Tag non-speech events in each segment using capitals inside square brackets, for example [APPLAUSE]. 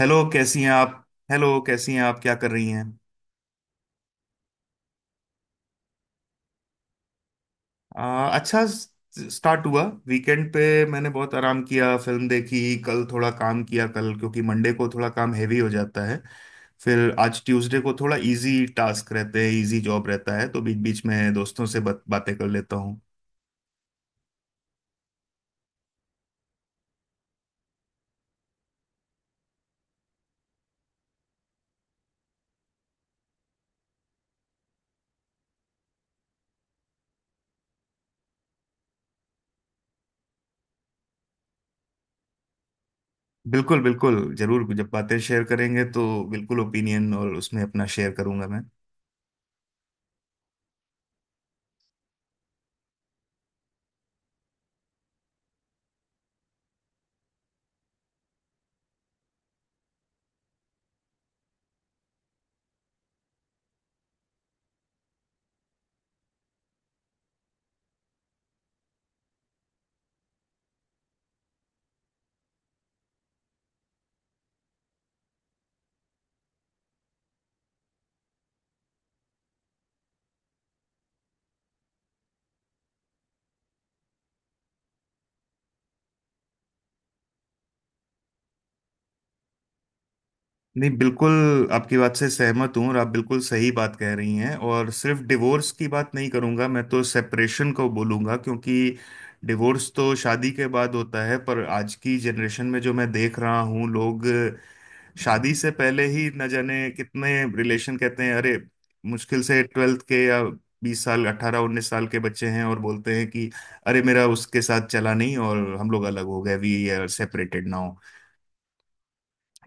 Hello, कैसी हैं आप? हेलो, कैसी हैं आप, क्या कर रही हैं? अच्छा स्टार्ट हुआ। वीकेंड पे मैंने बहुत आराम किया, फिल्म देखी। कल थोड़ा काम किया, कल क्योंकि मंडे को थोड़ा काम हैवी हो जाता है। फिर आज ट्यूसडे को थोड़ा इजी टास्क रहते हैं, इजी जॉब रहता है, तो बीच बीच में दोस्तों से बात बातें कर लेता हूँ। बिल्कुल बिल्कुल, जरूर, जब बातें शेयर करेंगे तो बिल्कुल ओपिनियन और उसमें अपना शेयर करूंगा। नहीं, बिल्कुल। आपकी बात से सहमत हूँ और आप बिल्कुल सही बात कह रही हैं, और सिर्फ डिवोर्स की बात नहीं करूँगा मैं, तो सेपरेशन को बोलूँगा, क्योंकि डिवोर्स तो शादी के बाद होता है, पर आज की जनरेशन में जो मैं देख रहा हूँ, लोग शादी से पहले ही न जाने कितने रिलेशन कहते हैं। अरे, मुश्किल से 12th के या 20 साल, 18 19 साल के बच्चे हैं और बोलते हैं कि अरे, मेरा उसके साथ चला नहीं और हम लोग अलग हो गए, वी आर सेपरेटेड नाउ।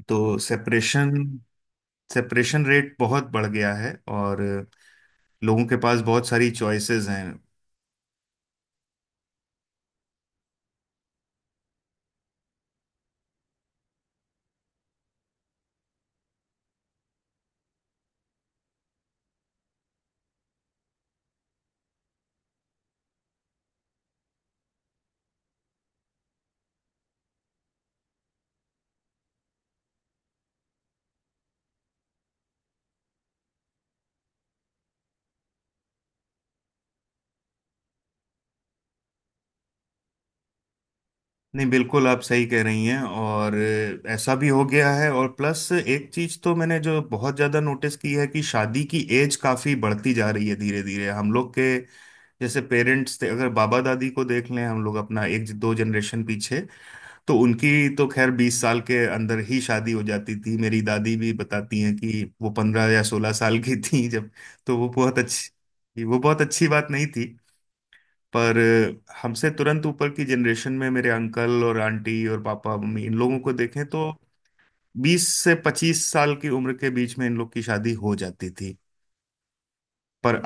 तो सेपरेशन। सेपरेशन रेट बहुत बढ़ गया है। और लोगों के पास बहुत सारी चॉइसेस हैं। नहीं, बिल्कुल आप सही कह रही हैं। और ऐसा भी हो गया है, और प्लस एक चीज तो मैंने जो बहुत ज्यादा नोटिस की है, कि शादी की एज काफी बढ़ती जा रही है। धीरे धीरे, हम लोग के जैसे पेरेंट्स थे, अगर बाबा दादी को देख लें हम लोग, अपना एक दो जनरेशन पीछे, तो उनकी तो खैर 20 साल के अंदर ही शादी हो जाती थी। मेरी दादी भी बताती हैं कि वो 15 या 16 साल की थी जब। तो वो बहुत अच्छी बात नहीं थी। पर हमसे तुरंत ऊपर की जनरेशन में, मेरे अंकल और आंटी और पापा मम्मी, इन लोगों को देखें तो 20 से 25 साल की उम्र के बीच में इन लोग की शादी हो जाती थी। पर।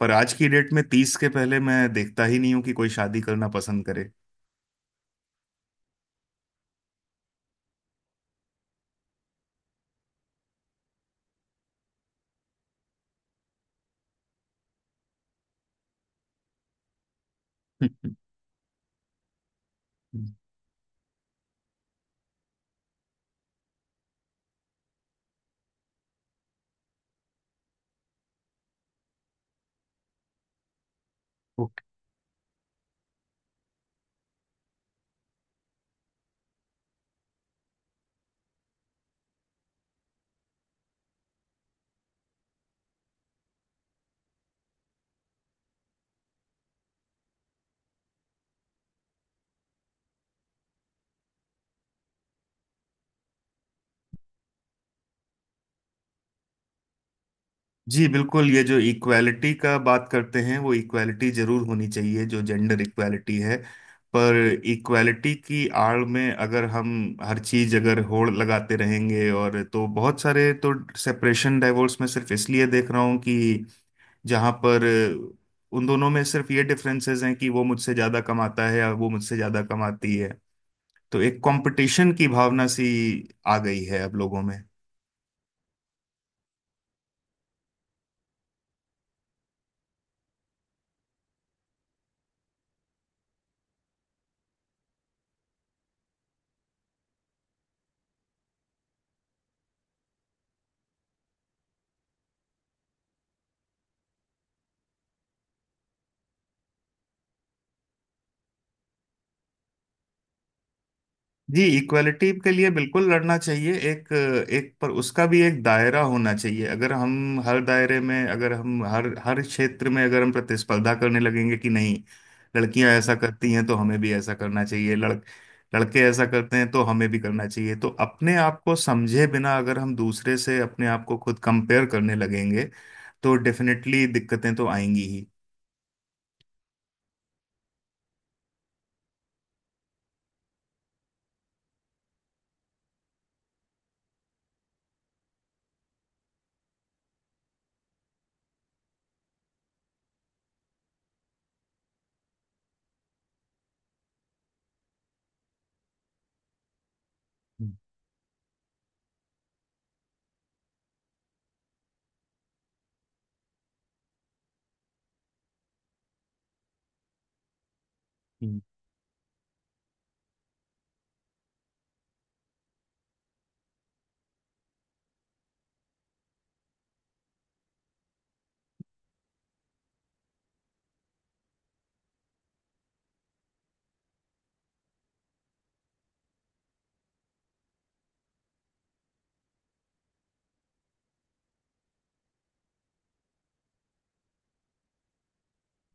पर आज की डेट में 30 के पहले मैं देखता ही नहीं हूं कि कोई शादी करना पसंद करे। [LAUGHS] जी बिल्कुल, ये जो इक्वालिटी का बात करते हैं, वो इक्वालिटी जरूर होनी चाहिए, जो जेंडर इक्वालिटी है। पर इक्वालिटी की आड़ में अगर हम हर चीज अगर होड़ लगाते रहेंगे, और तो बहुत सारे, तो सेपरेशन डाइवोर्स में सिर्फ इसलिए देख रहा हूँ, कि जहाँ पर उन दोनों में सिर्फ ये डिफरेंसेस हैं कि वो मुझसे ज्यादा कमाता है या वो मुझसे ज्यादा कमाती है। तो एक कंपटीशन की भावना सी आ गई है अब लोगों में। जी, इक्वलिटी के लिए बिल्कुल लड़ना चाहिए एक। एक पर उसका भी एक दायरा होना चाहिए। अगर हम हर दायरे में, अगर हम हर हर क्षेत्र में, अगर हम प्रतिस्पर्धा करने लगेंगे कि नहीं लड़कियां ऐसा करती हैं तो हमें भी ऐसा करना चाहिए, लड़के ऐसा करते हैं तो हमें भी करना चाहिए, तो अपने आप को समझे बिना अगर हम दूसरे से अपने आप को खुद कंपेयर करने लगेंगे, तो डेफिनेटली दिक्कतें तो आएंगी ही। हम्म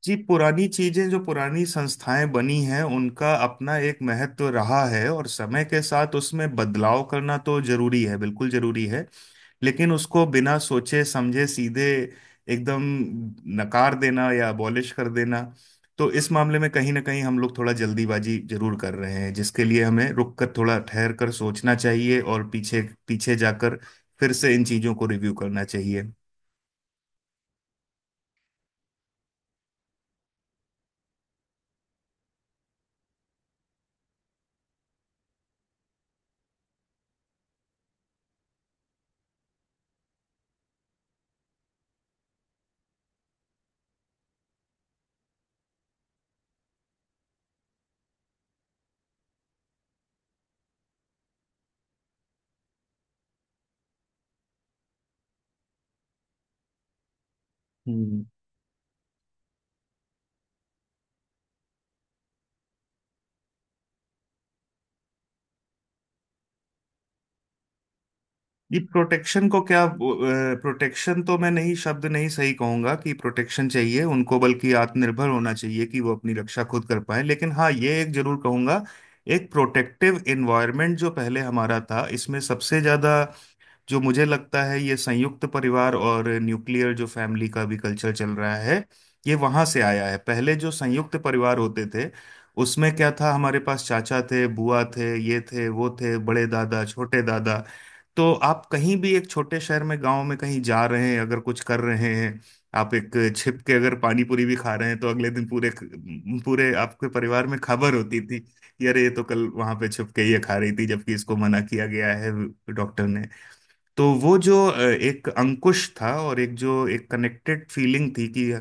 जी, पुरानी चीजें, जो पुरानी संस्थाएं बनी हैं, उनका अपना एक महत्व रहा है, और समय के साथ उसमें बदलाव करना तो जरूरी है, बिल्कुल जरूरी है। लेकिन उसको बिना सोचे समझे सीधे एकदम नकार देना या अबॉलिश कर देना, तो इस मामले में कहीं ना कहीं हम लोग थोड़ा जल्दीबाजी जरूर कर रहे हैं, जिसके लिए हमें रुक कर थोड़ा ठहर कर सोचना चाहिए, और पीछे। पीछे जाकर फिर से इन चीजों को रिव्यू करना चाहिए। ये प्रोटेक्शन को क्या, प्रोटेक्शन तो मैं नहीं, शब्द नहीं सही कहूंगा कि प्रोटेक्शन चाहिए उनको, बल्कि आत्मनिर्भर होना चाहिए कि वो अपनी रक्षा खुद कर पाए। लेकिन हाँ, ये एक जरूर कहूंगा, एक प्रोटेक्टिव एनवायरनमेंट जो पहले हमारा था, इसमें सबसे ज्यादा जो मुझे लगता है, ये संयुक्त परिवार, और न्यूक्लियर जो फैमिली का भी कल्चर चल रहा है, ये वहां से आया है। पहले जो संयुक्त परिवार होते थे, उसमें क्या था, हमारे पास चाचा थे, बुआ थे, ये थे, वो थे, बड़े दादा, छोटे दादा। तो आप कहीं भी एक छोटे शहर में, गांव में कहीं जा रहे हैं, अगर कुछ कर रहे हैं, आप एक छिप के अगर पानी पूरी भी खा रहे हैं, तो अगले दिन पूरे। पूरे आपके परिवार में खबर होती थी कि अरे, ये तो कल वहां पे छिप के ये खा रही थी, जबकि इसको मना किया गया है डॉक्टर ने। तो वो जो एक अंकुश था, और एक जो एक कनेक्टेड फीलिंग थी, कि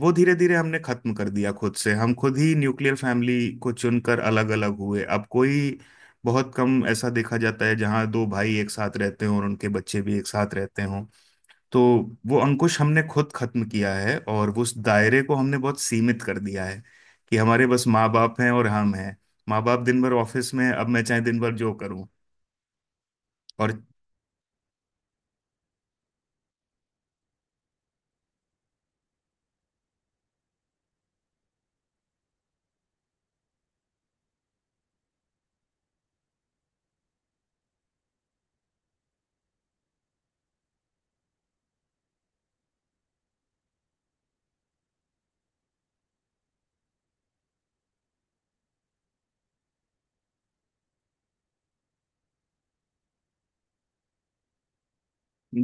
वो धीरे धीरे हमने खत्म कर दिया। खुद से हम खुद ही न्यूक्लियर फैमिली को चुनकर अलग अलग हुए। अब कोई बहुत कम ऐसा देखा जाता है जहां दो भाई एक साथ रहते हों, और उनके बच्चे भी एक साथ रहते हों। तो वो अंकुश हमने खुद खत्म किया है, और उस दायरे को हमने बहुत सीमित कर दिया है, कि हमारे बस माँ बाप हैं और हम हैं। माँ बाप दिन भर ऑफिस में, अब मैं चाहे दिन भर जो करूं। और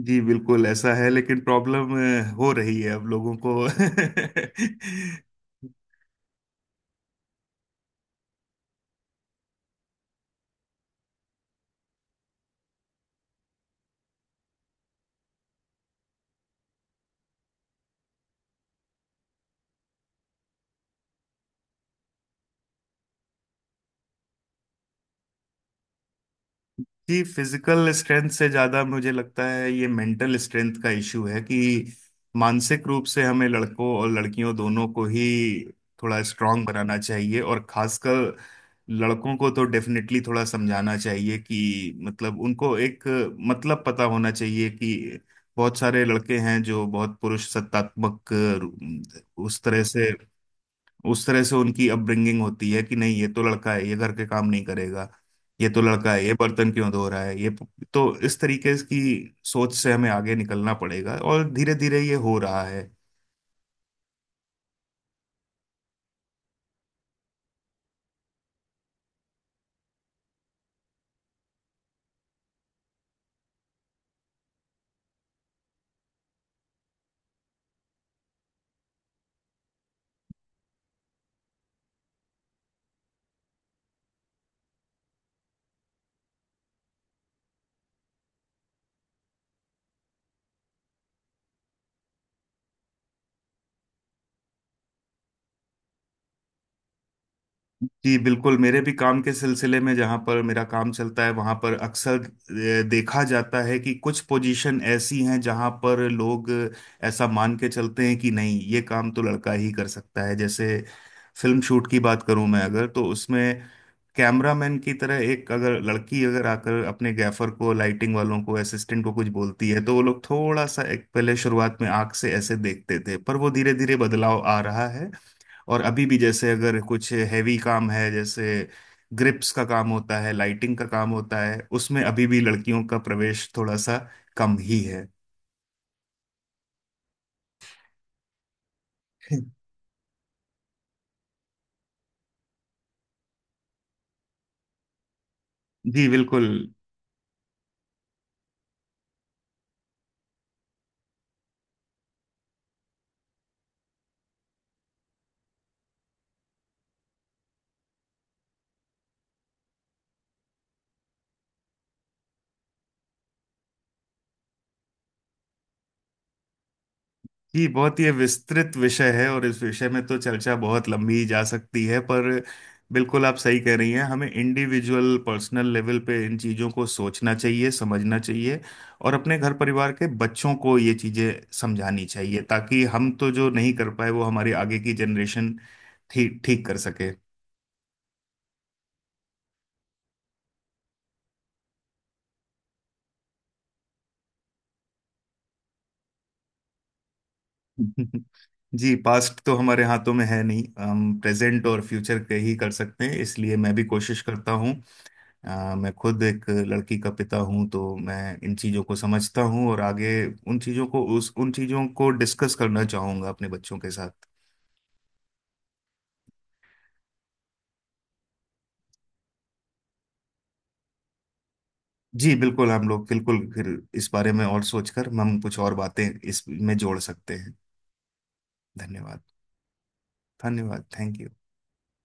जी बिल्कुल ऐसा है, लेकिन प्रॉब्लम हो रही है अब लोगों को। [LAUGHS] कि फिजिकल स्ट्रेंथ से ज्यादा मुझे लगता है ये मेंटल स्ट्रेंथ का इशू है, कि मानसिक रूप से हमें लड़कों और लड़कियों दोनों को ही थोड़ा स्ट्रांग बनाना चाहिए, और खासकर लड़कों को तो डेफिनेटली थोड़ा समझाना चाहिए, कि मतलब उनको एक, मतलब पता होना चाहिए कि बहुत सारे लड़के हैं जो बहुत पुरुष सत्तात्मक उस तरह से। उस तरह से उनकी अपब्रिंगिंग होती है कि नहीं, ये तो लड़का है, ये घर के काम नहीं करेगा, ये तो लड़का है, ये बर्तन क्यों धो रहा है ये। तो इस तरीके की सोच से हमें आगे निकलना पड़ेगा, और धीरे धीरे ये हो रहा है। जी बिल्कुल, मेरे भी काम के सिलसिले में जहाँ पर मेरा काम चलता है वहाँ पर अक्सर देखा जाता है कि कुछ पोजीशन ऐसी हैं जहाँ पर लोग ऐसा मान के चलते हैं कि नहीं, ये काम तो लड़का ही कर सकता है। जैसे फिल्म शूट की बात करूं मैं अगर, तो उसमें कैमरामैन की तरह एक अगर लड़की अगर आकर अपने गैफर को, लाइटिंग वालों को, असिस्टेंट को कुछ बोलती है, तो वो लोग थोड़ा सा एक पहले शुरुआत में आंख से ऐसे देखते थे, पर वो धीरे धीरे बदलाव आ रहा है। और अभी भी जैसे अगर कुछ हैवी काम है, जैसे ग्रिप्स का काम होता है, लाइटिंग का काम होता है, उसमें अभी भी लड़कियों का प्रवेश थोड़ा सा कम ही है। [LAUGHS] जी बिल्कुल। जी बहुत, ये विस्तृत विषय है और इस विषय में तो चर्चा बहुत लंबी जा सकती है, पर बिल्कुल आप सही कह रही हैं, हमें इंडिविजुअल पर्सनल लेवल पे इन चीज़ों को सोचना चाहिए, समझना चाहिए, और अपने घर परिवार के बच्चों को ये चीज़ें समझानी चाहिए, ताकि हम तो जो नहीं कर पाए, वो हमारी आगे की जनरेशन ठीक ठीक कर सके। [LAUGHS] जी, पास्ट तो हमारे हाथों में है नहीं, हम प्रेजेंट और फ्यूचर के ही कर सकते हैं, इसलिए मैं भी कोशिश करता हूँ। मैं खुद एक लड़की का पिता हूं, तो मैं इन चीज़ों को समझता हूं, और आगे उन चीज़ों को डिस्कस करना चाहूंगा अपने बच्चों के साथ। जी बिल्कुल, हम लोग बिल्कुल, फिर इस बारे में और सोचकर हम कुछ और बातें इसमें जोड़ सकते हैं। धन्यवाद। धन्यवाद, थैंक यू।